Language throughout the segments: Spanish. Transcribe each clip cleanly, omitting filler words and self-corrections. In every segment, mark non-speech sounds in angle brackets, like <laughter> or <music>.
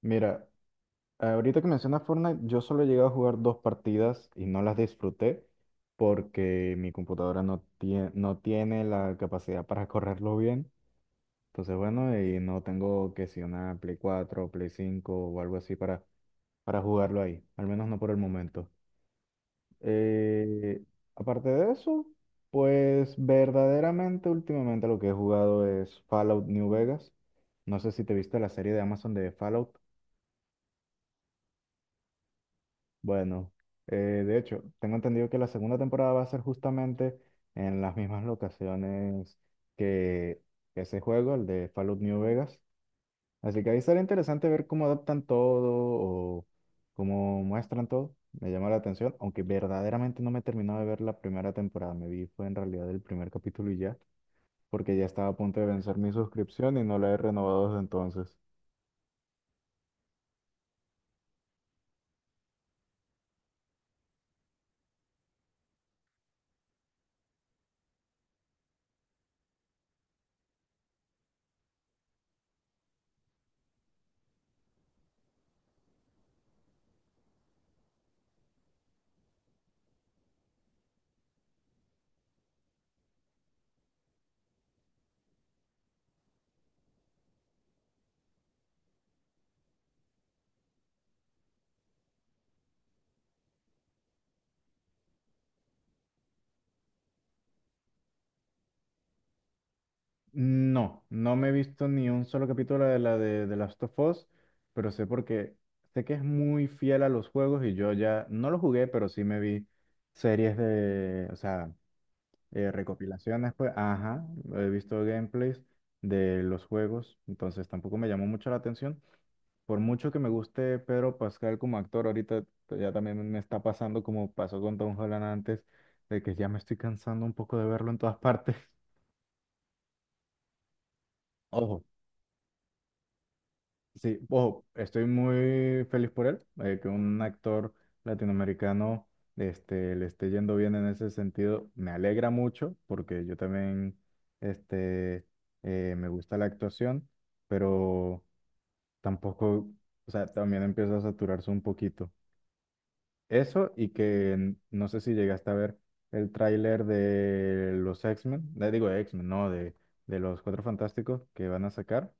Mira, ahorita que mencionas Fortnite, yo solo he llegado a jugar dos partidas y no las disfruté porque mi computadora no tiene la capacidad para correrlo bien. Entonces, bueno, y no tengo que si una Play 4, Play 5 o algo así para jugarlo ahí, al menos no por el momento. Eh, aparte de eso, pues verdaderamente últimamente lo que he jugado es Fallout New Vegas. No sé si te viste la serie de Amazon de Fallout. Bueno, de hecho, tengo entendido que la segunda temporada va a ser justamente en las mismas locaciones que ese juego, el de Fallout New Vegas. Así que ahí será interesante ver cómo adaptan todo o cómo muestran todo. Me llama la atención, aunque verdaderamente no me he terminado de ver la primera temporada. Me vi fue en realidad el primer capítulo y ya, porque ya estaba a punto de vencer mi suscripción y no la he renovado desde entonces. No, no me he visto ni un solo capítulo de Last of Us, pero sé porque sé que es muy fiel a los juegos y yo ya no lo jugué, pero sí me vi series de, o sea, recopilaciones, pues, ajá, he visto gameplays de los juegos, entonces tampoco me llamó mucho la atención. Por mucho que me guste Pedro Pascal como actor, ahorita ya también me está pasando como pasó con Tom Holland antes, de que ya me estoy cansando un poco de verlo en todas <laughs> partes. Ojo, sí, ojo, estoy muy feliz por él, que un actor latinoamericano le esté yendo bien en ese sentido. Me alegra mucho porque yo también este, me gusta la actuación, pero tampoco, o sea, también empieza a saturarse un poquito. Eso y que no sé si llegaste a ver el tráiler de los X-Men, digo X-Men, no, de los Cuatro Fantásticos que van a sacar.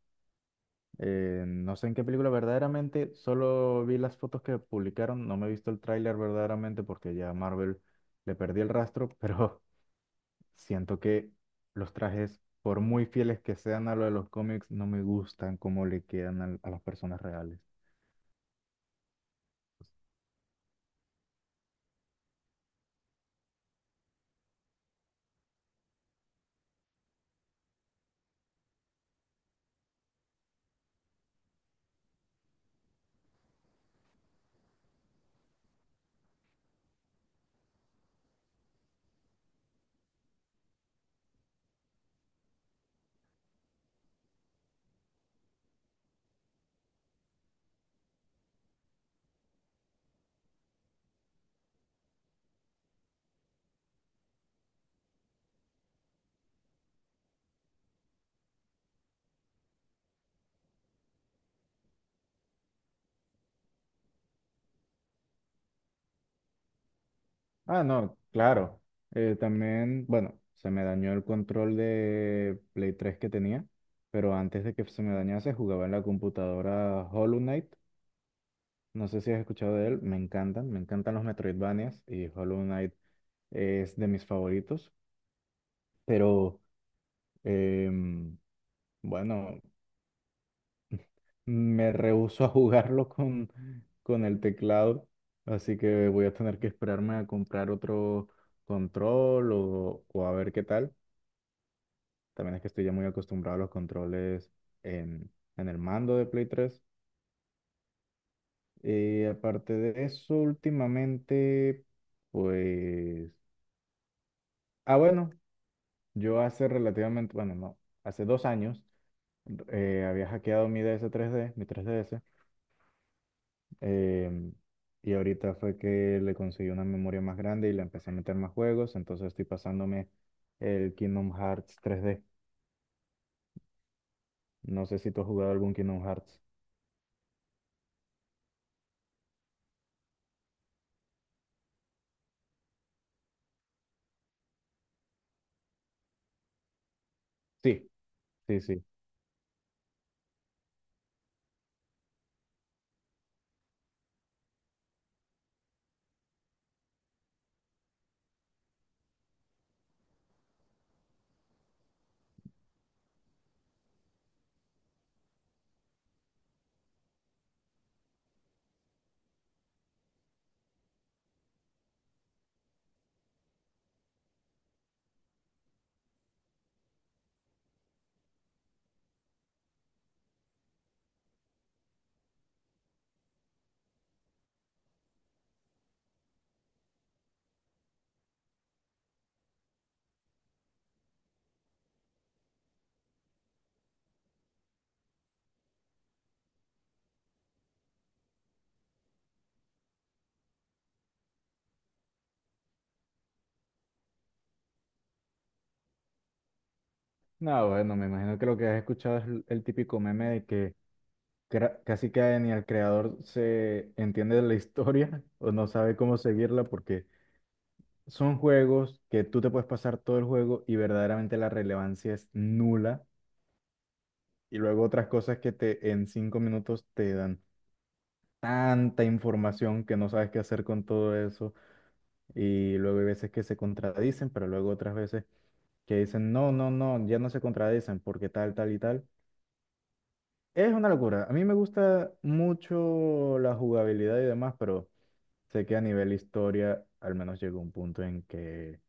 No sé en qué película verdaderamente, solo vi las fotos que publicaron, no me he visto el tráiler verdaderamente porque ya a Marvel le perdí el rastro, pero <laughs> siento que los trajes, por muy fieles que sean a lo de los cómics, no me gustan cómo le quedan a las personas reales. Ah, no, claro. También, bueno, se me dañó el control de Play 3 que tenía, pero antes de que se me dañase jugaba en la computadora Hollow Knight. No sé si has escuchado de él, me encantan los Metroidvanias y Hollow Knight es de mis favoritos, pero em, bueno, me rehúso a jugarlo con el teclado, así que voy a tener que esperarme a comprar otro control o a ver qué tal. También es que estoy ya muy acostumbrado a los controles en, en el mando de Play 3. Y aparte de eso, últimamente, pues. Ah, bueno, yo hace relativamente, bueno, no, hace 2 años había hackeado mi DS tres d mi 3DS, em, y ahorita fue que le conseguí una memoria más grande y le empecé a meter más juegos, entonces estoy pasándome el Kingdom Hearts 3D. No sé si tú has jugado algún Kingdom Hearts. Sí, sí, sí. No, bueno, me imagino que lo que has escuchado es el típico meme de que casi que ni el creador se entiende de la historia <laughs> o no sabe cómo seguirla porque son juegos que tú te puedes pasar todo el juego y verdaderamente la relevancia es nula. Y luego otras cosas que te en 5 minutos te dan tanta información que no sabes qué hacer con todo eso. Y luego hay veces que se contradicen, pero luego otras veces que dicen, no, no, no, ya no se contradicen porque tal, tal y tal. Es una locura. A mí me gusta mucho la jugabilidad y demás, pero sé que a nivel historia al menos llegó un punto en que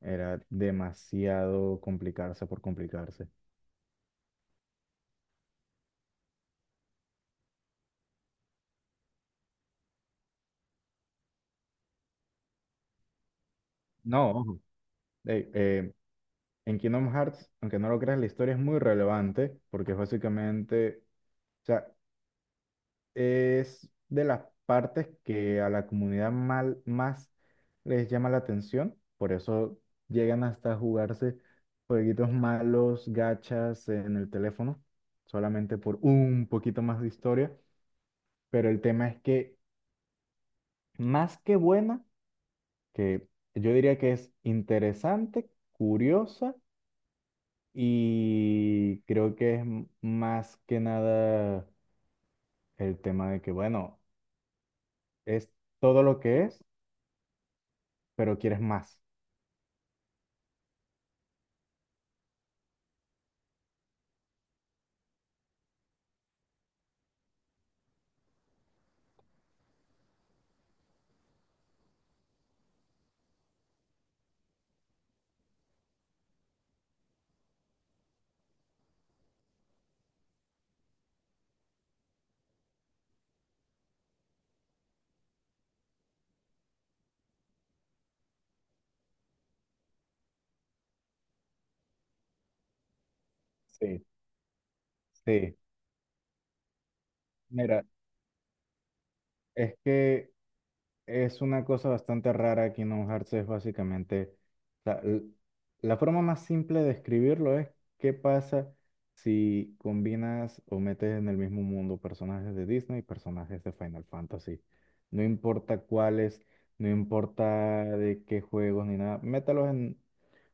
era demasiado complicarse por complicarse. No, ojo. Ey, en Kingdom Hearts, aunque no lo creas, la historia es muy relevante porque es básicamente, o sea, es de las partes que a la comunidad más les llama la atención. Por eso llegan hasta jugarse jueguitos malos, gachas en el teléfono, solamente por un poquito más de historia. Pero el tema es que más que buena, que yo diría que es interesante, curiosa y creo que es más que nada el tema de que, bueno, es todo lo que es, pero quieres más. Sí, sí. Mira, es que es una cosa bastante rara Kingdom Hearts, es básicamente, o l- la forma más simple de escribirlo es qué pasa si combinas o metes en el mismo mundo personajes de Disney y personajes de Final Fantasy. No importa cuáles, no importa de qué juegos ni nada,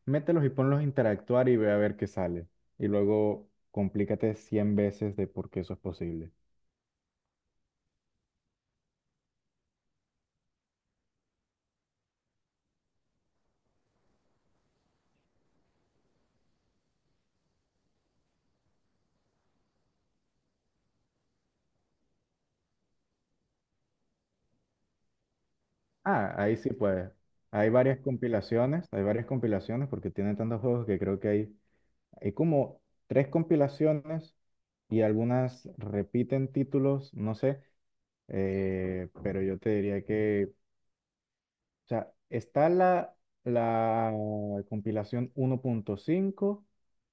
mételos y ponlos a interactuar y ve a ver qué sale. Y luego complícate 100 veces de por qué eso es posible. Ah, ahí sí puede. Hay varias compilaciones porque tiene tantos juegos que creo que hay, como tres compilaciones y algunas repiten títulos, no sé, pero yo te diría que, o sea, está la compilación 1.5,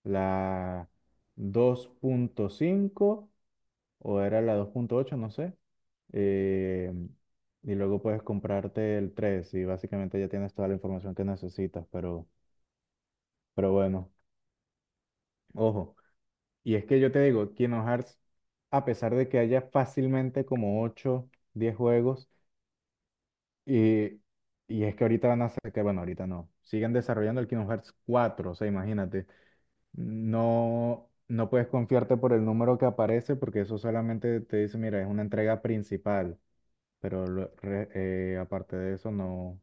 la 2.5 o era la 2.8, no sé. eh, y luego puedes comprarte el 3 y básicamente ya tienes toda la información que necesitas, pero bueno, ojo. Y es que yo te digo, Kingdom Hearts, a pesar de que haya fácilmente como 8 10 juegos, y, y es que ahorita van a sacar, bueno, ahorita no, siguen desarrollando el Kingdom Hearts 4, o sea, imagínate, no, no puedes confiarte por el número que aparece porque eso solamente te dice, mira, es una entrega principal. Pero aparte de eso, no.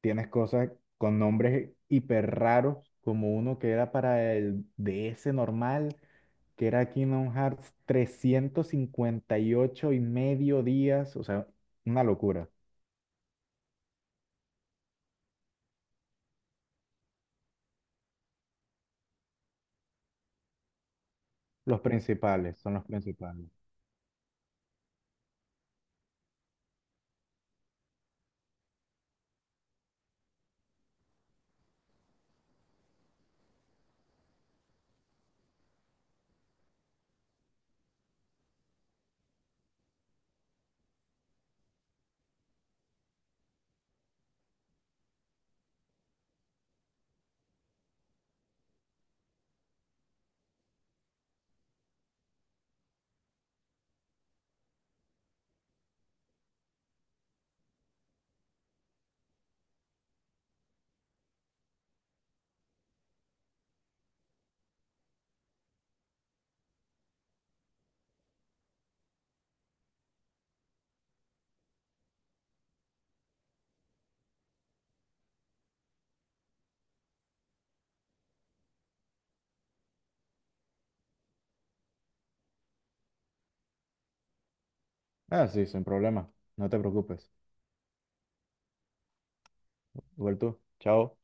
Tienes cosas con nombres hiper raros, como uno que era para el DS normal, que era Kingdom Hearts 358 y ocho y medio días, o sea, una locura. Los principales, son los principales. Ah, sí, sin problema, no te preocupes. Igual tú, chao.